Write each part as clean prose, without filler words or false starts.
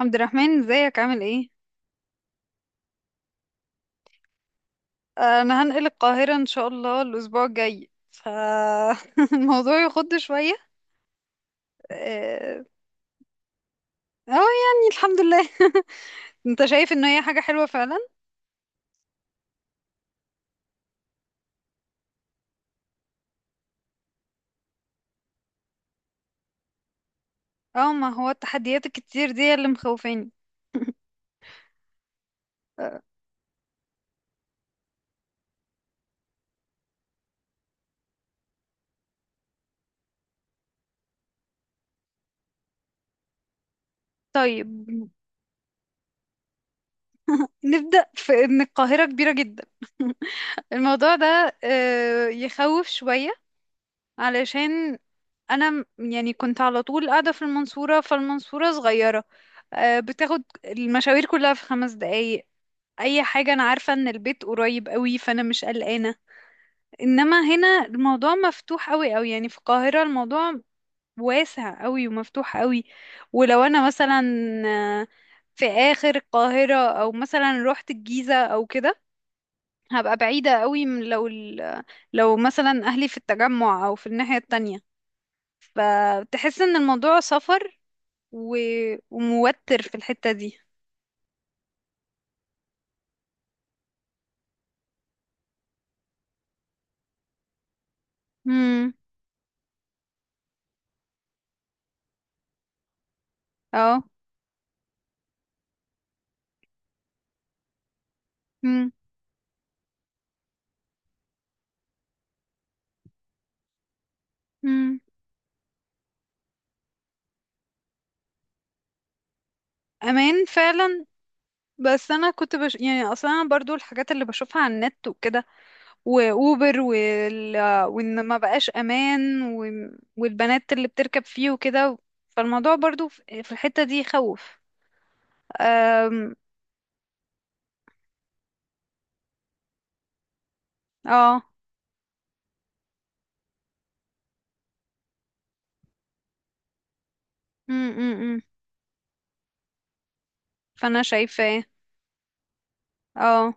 عبد الرحمن، ازيك عامل ايه؟ انا هنقل القاهرة ان شاء الله الاسبوع الجاي، فالموضوع يخض شوية. اه. آه، يعني الحمد لله. انت شايف ان هي حاجة حلوة فعلا؟ اه، ما هو التحديات الكتير دي اللي مخوفاني. آه، طيب. نبدأ في ان القاهرة كبيرة جدا. الموضوع ده يخوف شوية، علشان انا يعني كنت على طول قاعدة في المنصورة، فالمنصورة صغيرة. بتاخد المشاوير كلها في 5 دقايق، اي حاجة. انا عارفة ان البيت قريب قوي، فانا مش قلقانة. انما هنا الموضوع مفتوح قوي قوي، يعني في القاهرة الموضوع واسع قوي ومفتوح قوي. ولو انا مثلا آه، في اخر القاهرة، او مثلا روحت الجيزة او كده، هبقى بعيدة قوي، من لو مثلا اهلي في التجمع او في الناحية التانية. فتحس ان الموضوع سفر و... وموتر في الحتة دي. امم. اه. امم، امم. امان فعلا، بس انا كنت يعني اصلا انا برضو الحاجات اللي بشوفها على النت وكده، واوبر وان ما بقاش امان، والبنات اللي بتركب فيه وكده، فالموضوع برضو في الحتة دي يخوف. أم... اه. امم، امم. فانا شايفة إيه. اه،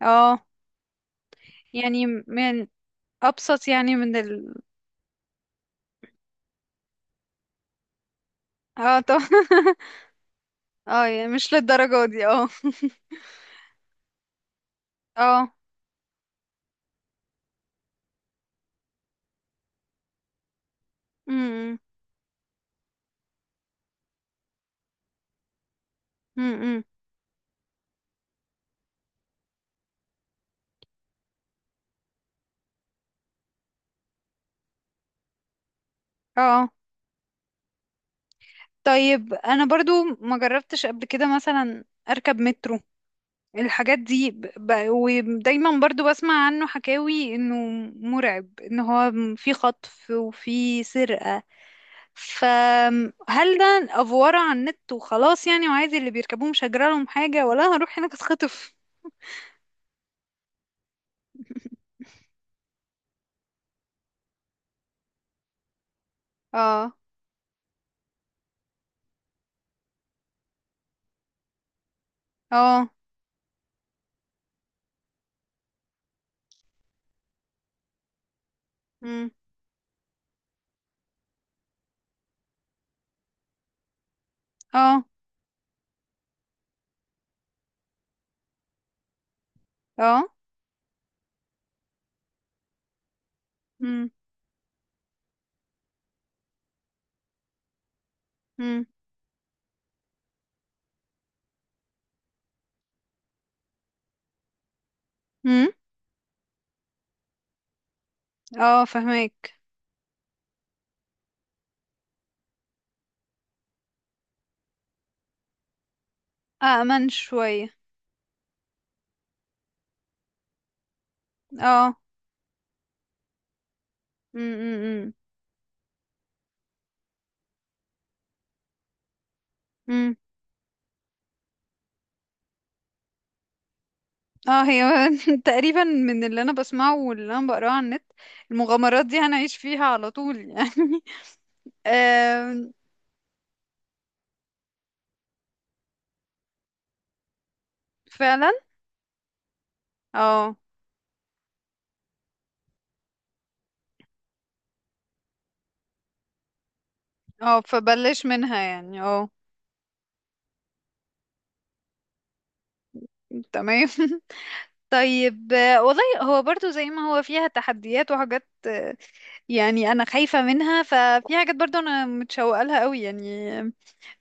اه. يعني من ابسط، يعني من، اه طب. اه، يعني مش للدرجة دي، اه. اه. امم، امم، امم. اه، طيب. انا برضو ما جربتش قبل كده مثلا اركب مترو، الحاجات دي ودايما برضو بسمع عنه حكاوي انه مرعب، ان هو في خطف وفي سرقة. فهل ده افورة على النت وخلاص، يعني وعادي اللي بيركبوه مش هجرى لهم حاجة، ولا هروح هناك اتخطف؟ اه. اه. امم. اه. اه. امم، امم، امم. اه، فهماك. أأمن شوية. اه. م- م- م- م. اه، هي تقريبا من اللي انا بسمعه واللي انا بقراه على النت، المغامرات دي هنعيش فيها على طول يعني. آم. فعلا. اه، اه. فبلش منها يعني، اه. تمام. طيب. والله هو برضو زي ما هو فيها تحديات وحاجات، يعني انا خايفة منها، ففي حاجات برضو انا متشوقة لها قوي يعني.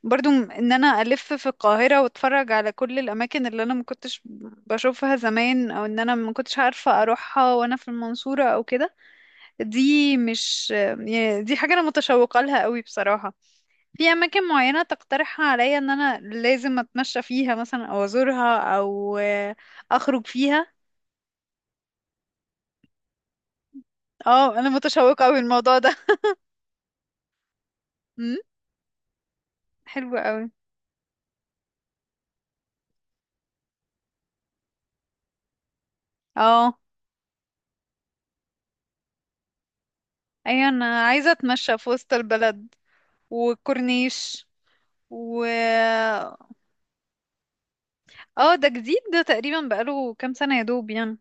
برضو ان انا الف في القاهرة، واتفرج على كل الاماكن اللي انا ما كنتش بشوفها زمان، او ان انا ما كنتش عارفة اروحها وانا في المنصورة او كده. دي مش يعني دي حاجة انا متشوقة لها قوي بصراحة. في اماكن معينة تقترحها عليا، ان انا لازم اتمشى فيها مثلا، او ازورها، او اخرج فيها؟ اه، انا متشوقة اوي الموضوع ده. امم. حلو اوي. اه. ايوه، انا عايزة اتمشى في وسط البلد، وكورنيش، و اه، ده جديد ده، تقريبا بقاله كام سنة يا دوب يعني.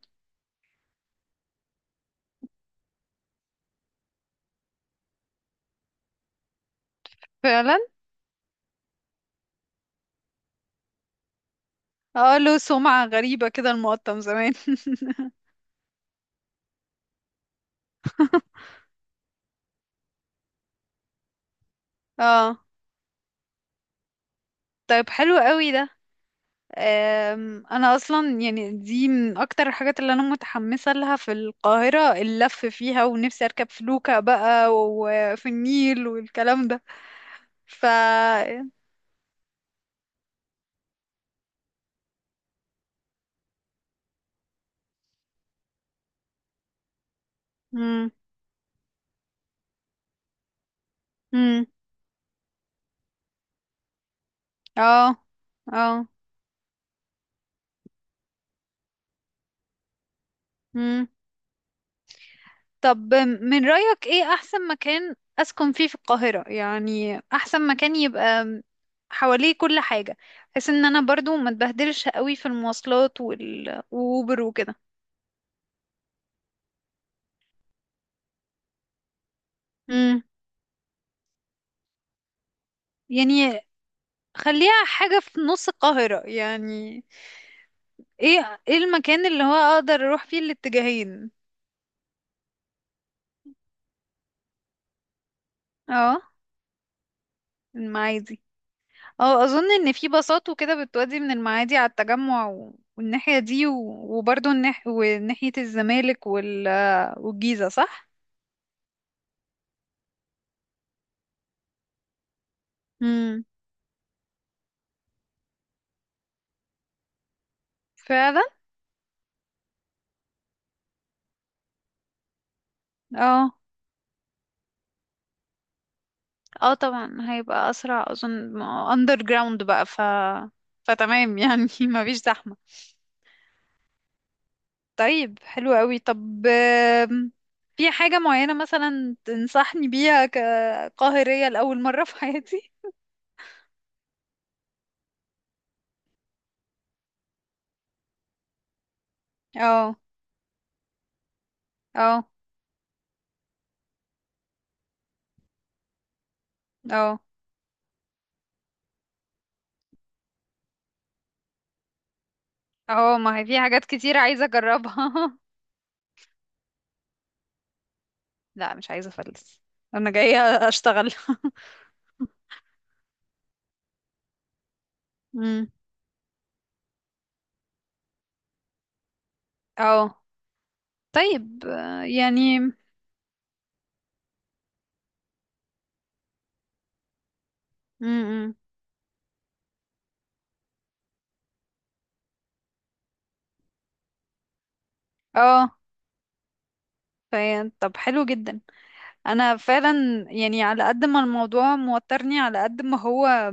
فعلا. اه، له سمعة غريبة كده المقطم زمان. اه. طيب، حلو قوي ده. انا اصلا يعني دي من اكتر الحاجات اللي انا متحمسه لها في القاهره، اللف فيها، ونفسي اركب فلوكه بقى وفي النيل والكلام ده. ف مم. امم. اه، اه. امم. طب، من رأيك ايه احسن مكان اسكن فيه في القاهرة؟ يعني احسن مكان يبقى حواليه كل حاجة، بحيث ان انا برضو ما اتبهدلش قوي في المواصلات واوبر وكده. امم. يعني خليها حاجة في نص القاهرة، يعني ايه المكان اللي هو اقدر اروح فيه الاتجاهين؟ اه، المعادي. اه، اظن ان في باصات وكده بتودي من المعادي على التجمع والناحية دي، وبرضه وناحية الزمالك والجيزة، صح؟ امم. فعلا. اه، اه، طبعا هيبقى اسرع، اظن اندر جراوند بقى. فتمام يعني، ما فيش زحمة. طيب، حلو قوي. طب، في حاجة معينة مثلا تنصحني بيها كقاهرية لأول مرة في حياتي؟ اه. اه. اه. اه. ما هي في حاجات كتير عايزة اجربها. لا، مش عايزة افلس. انا جاية اشتغل. امم. اه. طيب. يعني. امم. اه. طب، حلو جدا. انا فعلا يعني على قد ما الموضوع موترني، على قد ما هو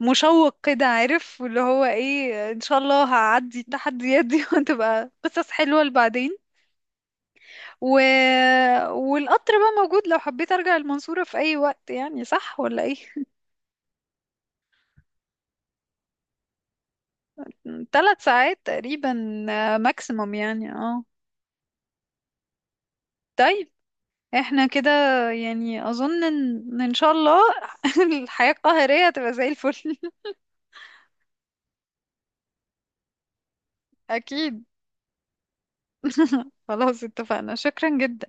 مشوق كده، عارف؟ واللي هو ايه، ان شاء الله هعدي التحديات دي، وتبقى قصص حلوة لبعدين. و... والقطر بقى موجود لو حبيت ارجع المنصورة في اي وقت، يعني صح ولا ايه؟ 3 ساعات تقريبا، ماكسيموم يعني. اه. طيب، احنا كده يعني اظن ان ان شاء الله الحياة القاهرية هتبقى زي الفل. اكيد. خلاص، اتفقنا، شكرا جدا.